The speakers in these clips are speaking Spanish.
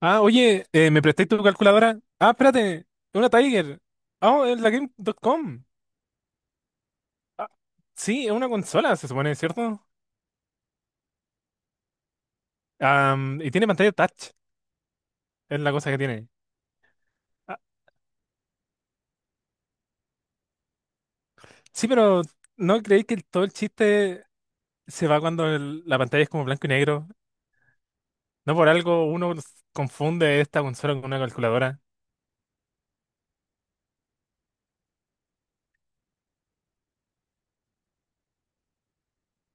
¿Me prestáis tu calculadora? Ah, espérate, es una Tiger. Oh, es la Game.com. Ah, sí, es una consola, se supone, ¿cierto? Y tiene pantalla touch, es la cosa que tiene. Ah, sí, pero ¿no creéis que todo el chiste se va cuando la pantalla es como blanco y negro? No por algo confunde esta consola con una calculadora.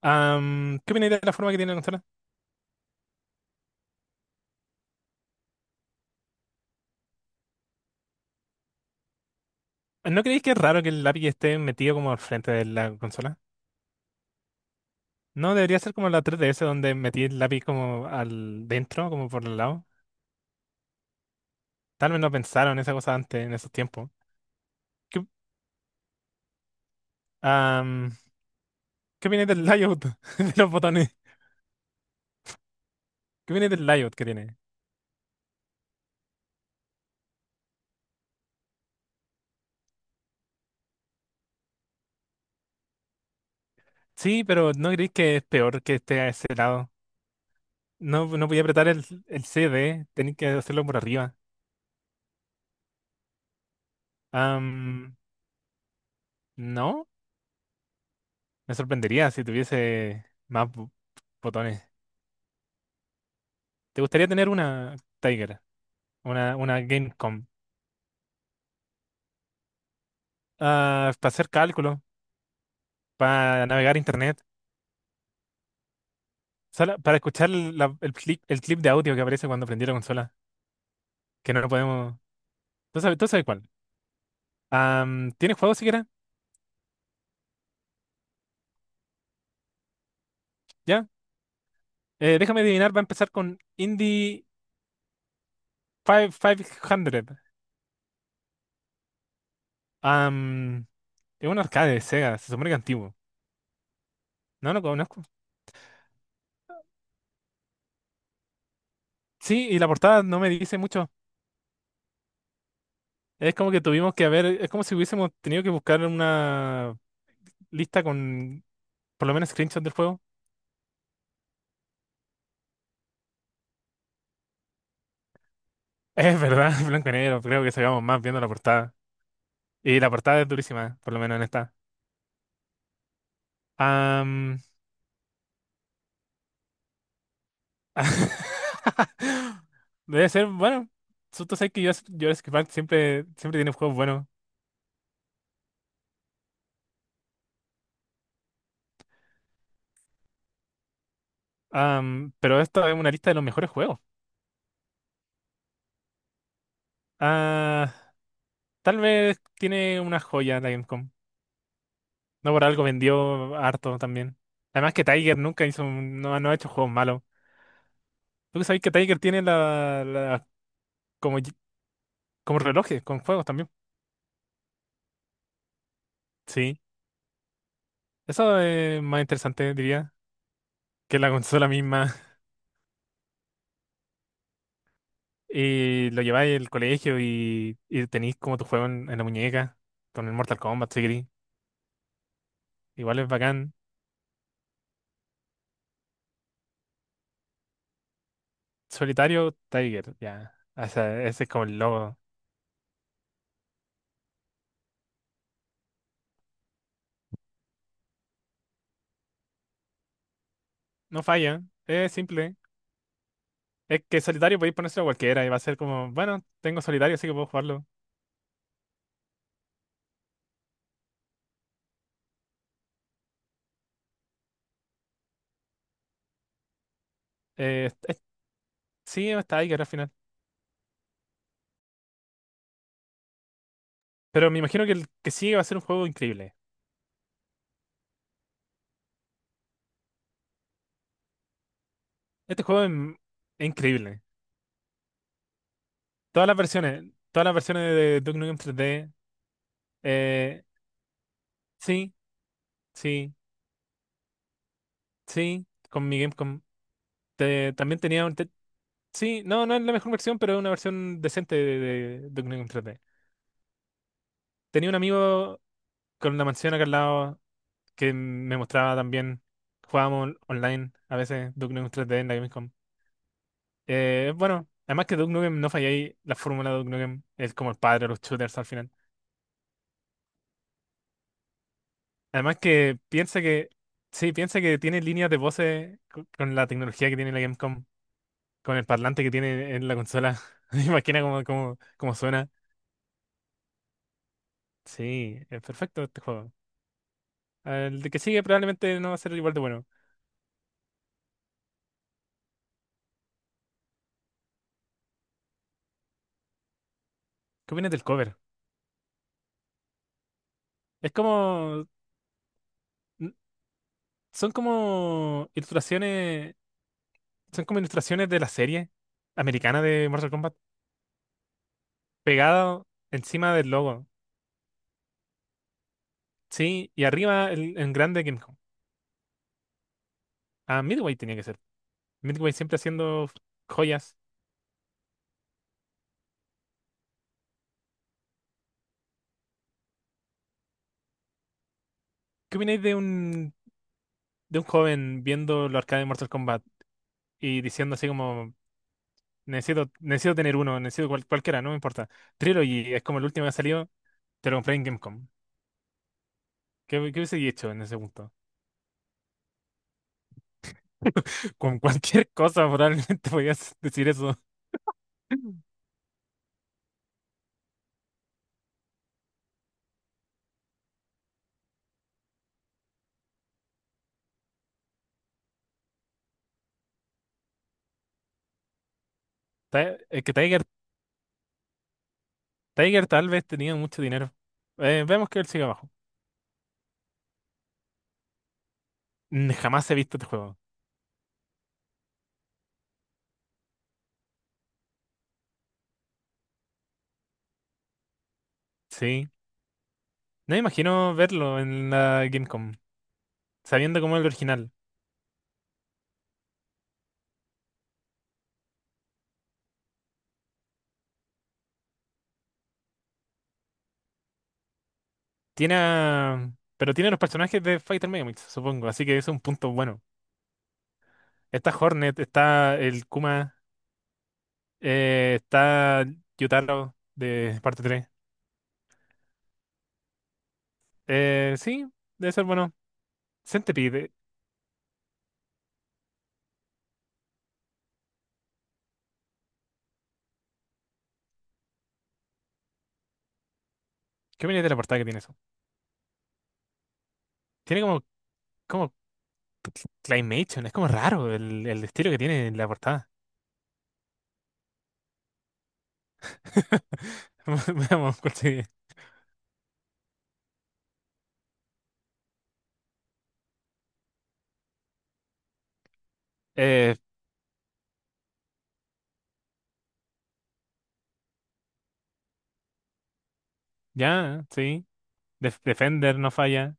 ¿Qué opináis de la forma que tiene la consola? ¿No creéis que es raro que el lápiz esté metido como al frente de la consola? No, debería ser como la tres D S donde metí el lápiz como al dentro, como por el lado. Tal vez no pensaron esa cosa antes, en esos tiempos. ¿Qué, am, ¿Qué viene del layout de los botones? ¿Qué viene del layout que tiene? Sí, pero ¿no creéis que es peor que esté a ese lado? No, no podía apretar el C D tenéis que hacerlo por arriba. Am, no, me sorprendería si tuviese más botones. ¿Te gustaría tener una Tiger? Una Gamecom. Ah, para hacer cálculo, para navegar internet. Solo para escuchar el clip de audio que aparece cuando prendí la consola, que no lo podemos. ¿Tú sabes cuál? ¿Tienes juego siquiera? ¿Ya? Déjame adivinar, va a empezar con Indie 5 500. Am, es un arcade de Sega, se supone que antiguo. No lo conozco. Sí, y la portada no me dice mucho. Es como que tuvimos que haber, es como si hubiésemos tenido que buscar una lista con por lo menos screenshots del juego. Es verdad, blanco y negro, creo que sacamos más viendo la portada. Y la portada es durísima, por lo menos en esta. Am, debe ser, bueno, tú sabes que yo Jurassic Park siempre tiene juegos buenos. Pero esta es una lista de los mejores juegos. Ah, Tal vez tiene una joya la Gamecom. No por algo vendió harto también. Además que Tiger nunca hizo, no, no ha hecho juegos malos. Tú sabes que Tiger tiene como, como relojes con juegos también. Sí. Eso es más interesante, diría, que la consola misma. Y lo lleváis al colegio y tenéis como tu juego en la muñeca con el Mortal Kombat, si queréis. Igual es bacán. Solitario Tiger, ya. O sea, ese es como el logo. No falla, es simple. Es que solitario podéis ponérselo a cualquiera y va a ser como, bueno, tengo solitario, así que puedo jugarlo. Eh, es- sí, está Tiger al final. Pero me imagino que el que sigue va a ser un juego increíble. Este juego es increíble. Todas las versiones, todas las versiones de Duke Nukem 3D, eh, sí, sí, sí. Con mi Game también tenía un... sí, no, no es la mejor versión, pero es una versión decente de Duke Nukem 3D. Tenía un amigo con la mansión acá al lado que me mostraba también. Jugábamos online a veces Duke Nukem 3D en la Gamescom. Bueno, además que Duke Nukem no falla ahí, la fórmula de Duke Nukem es como el padre de los shooters al final. Además que piensa que... Sí, piensa que tiene líneas de voces con, la tecnología que tiene la Gamescom, con el parlante que tiene en la consola. Imagina cómo suena. Sí, es perfecto este juego. El de que sigue probablemente no va a ser igual de bueno. ¿Qué opinas del cover? Es como... n- son como ilustraciones... Son como ilustraciones de la serie americana de Mortal Kombat pegado encima del logo. Sí, y arriba el, en grande Game Home. Ah, Midway tenía que ser. Midway siempre haciendo joyas. ¿Qué opináis de un, ¿de un joven viendo los arcades de Mortal Kombat y diciendo así como... necesito tener uno, necesito cualquiera, no me importa. Trilogy es como el último que ha salido. Te lo compré en Gamecom. ¿Qué hubiese hecho en ese punto? Con cualquier cosa probablemente podías decir eso. Ti- Es que Tiger, Tiger tal vez tenía mucho dinero. Veamos que él sigue abajo. Mm, jamás he visto este juego. Sí. No me imagino verlo en la Gamecom, sabiendo cómo es el original. Tiene a- Pero tiene los personajes de Fighter Megamix, supongo, así que eso es un punto bueno. Está Hornet, está el Kuma, está Yutaro de parte 3. Sí, debe ser bueno. Centipede, ¿qué opinas de la portada que tiene eso? Tiene como claymation, es como raro el estilo que tiene en la portada. Veamos cuál sigue. Eh, ya, sí. Defender no falla.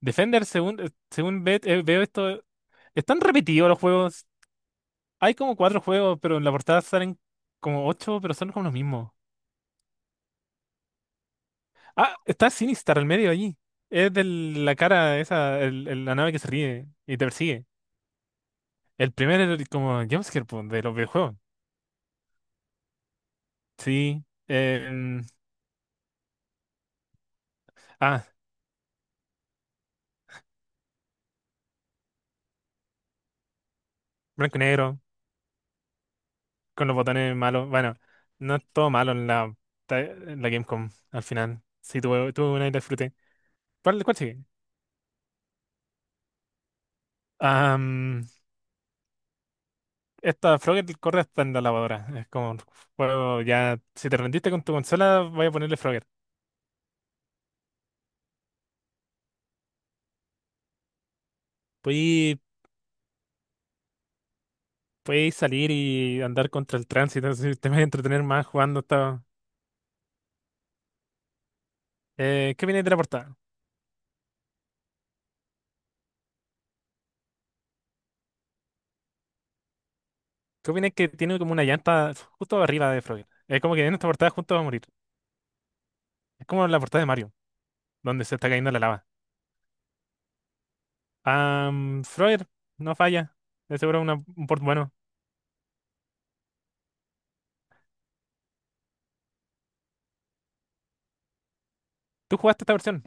Defender, según veo esto, están repetidos los juegos. Hay como cuatro juegos, pero en la portada salen como ocho, pero son como los mismos. Ah, está Sinistar al medio allí. Es de la cara esa, la nave que se ríe y te persigue. Como jumpscare po, de los videojuegos. Sí. Ah, blanco y negro, con los botones malos. Bueno, no es todo malo en en la Gamecom al final. Sí, tuve una y la disfruté. ¿Cuál sigue? Am, esta Frogger corre hasta en la lavadora. Es como un juego ya. Si te rendiste con tu consola, voy a ponerle Frogger. Puedes, puedes salir y andar contra el tránsito. Si te vas a entretener más jugando esta. ¿Qué viene de la portada? ¿Qué viene que tiene como una llanta justo arriba de Frogger? Es como que en esta portada juntos va a morir. Es como la portada de Mario, donde se está cayendo la lava. Freud, no falla. De seguro un port bueno. ¿Tú jugaste esta versión?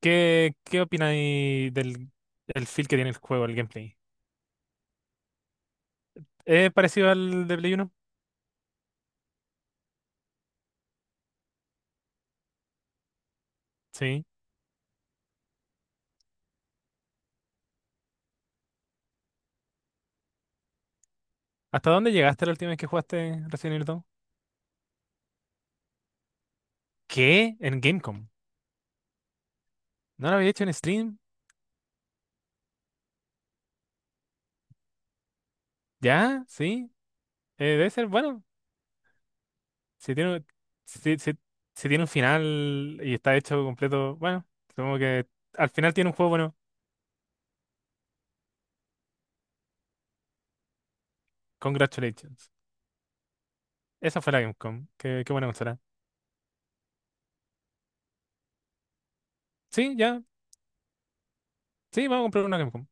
¿Qué opináis del el feel que tiene el juego, el gameplay? ¿Es parecido al de Play 1? Sí. ¿Hasta dónde llegaste la última vez que jugaste Resident Evil 2? ¿Qué? ¿En Gamecom? ¿No lo había hecho en stream? ¿Ya? ¿Sí? Debe ser bueno. Si tiene, si, si- si tiene un final y está hecho completo, bueno, supongo que al final tiene un juego bueno. Congratulations. Esa fue la Gamecom. Qué buena consola. Sí, ya. Sí, vamos a comprar una Gamecom.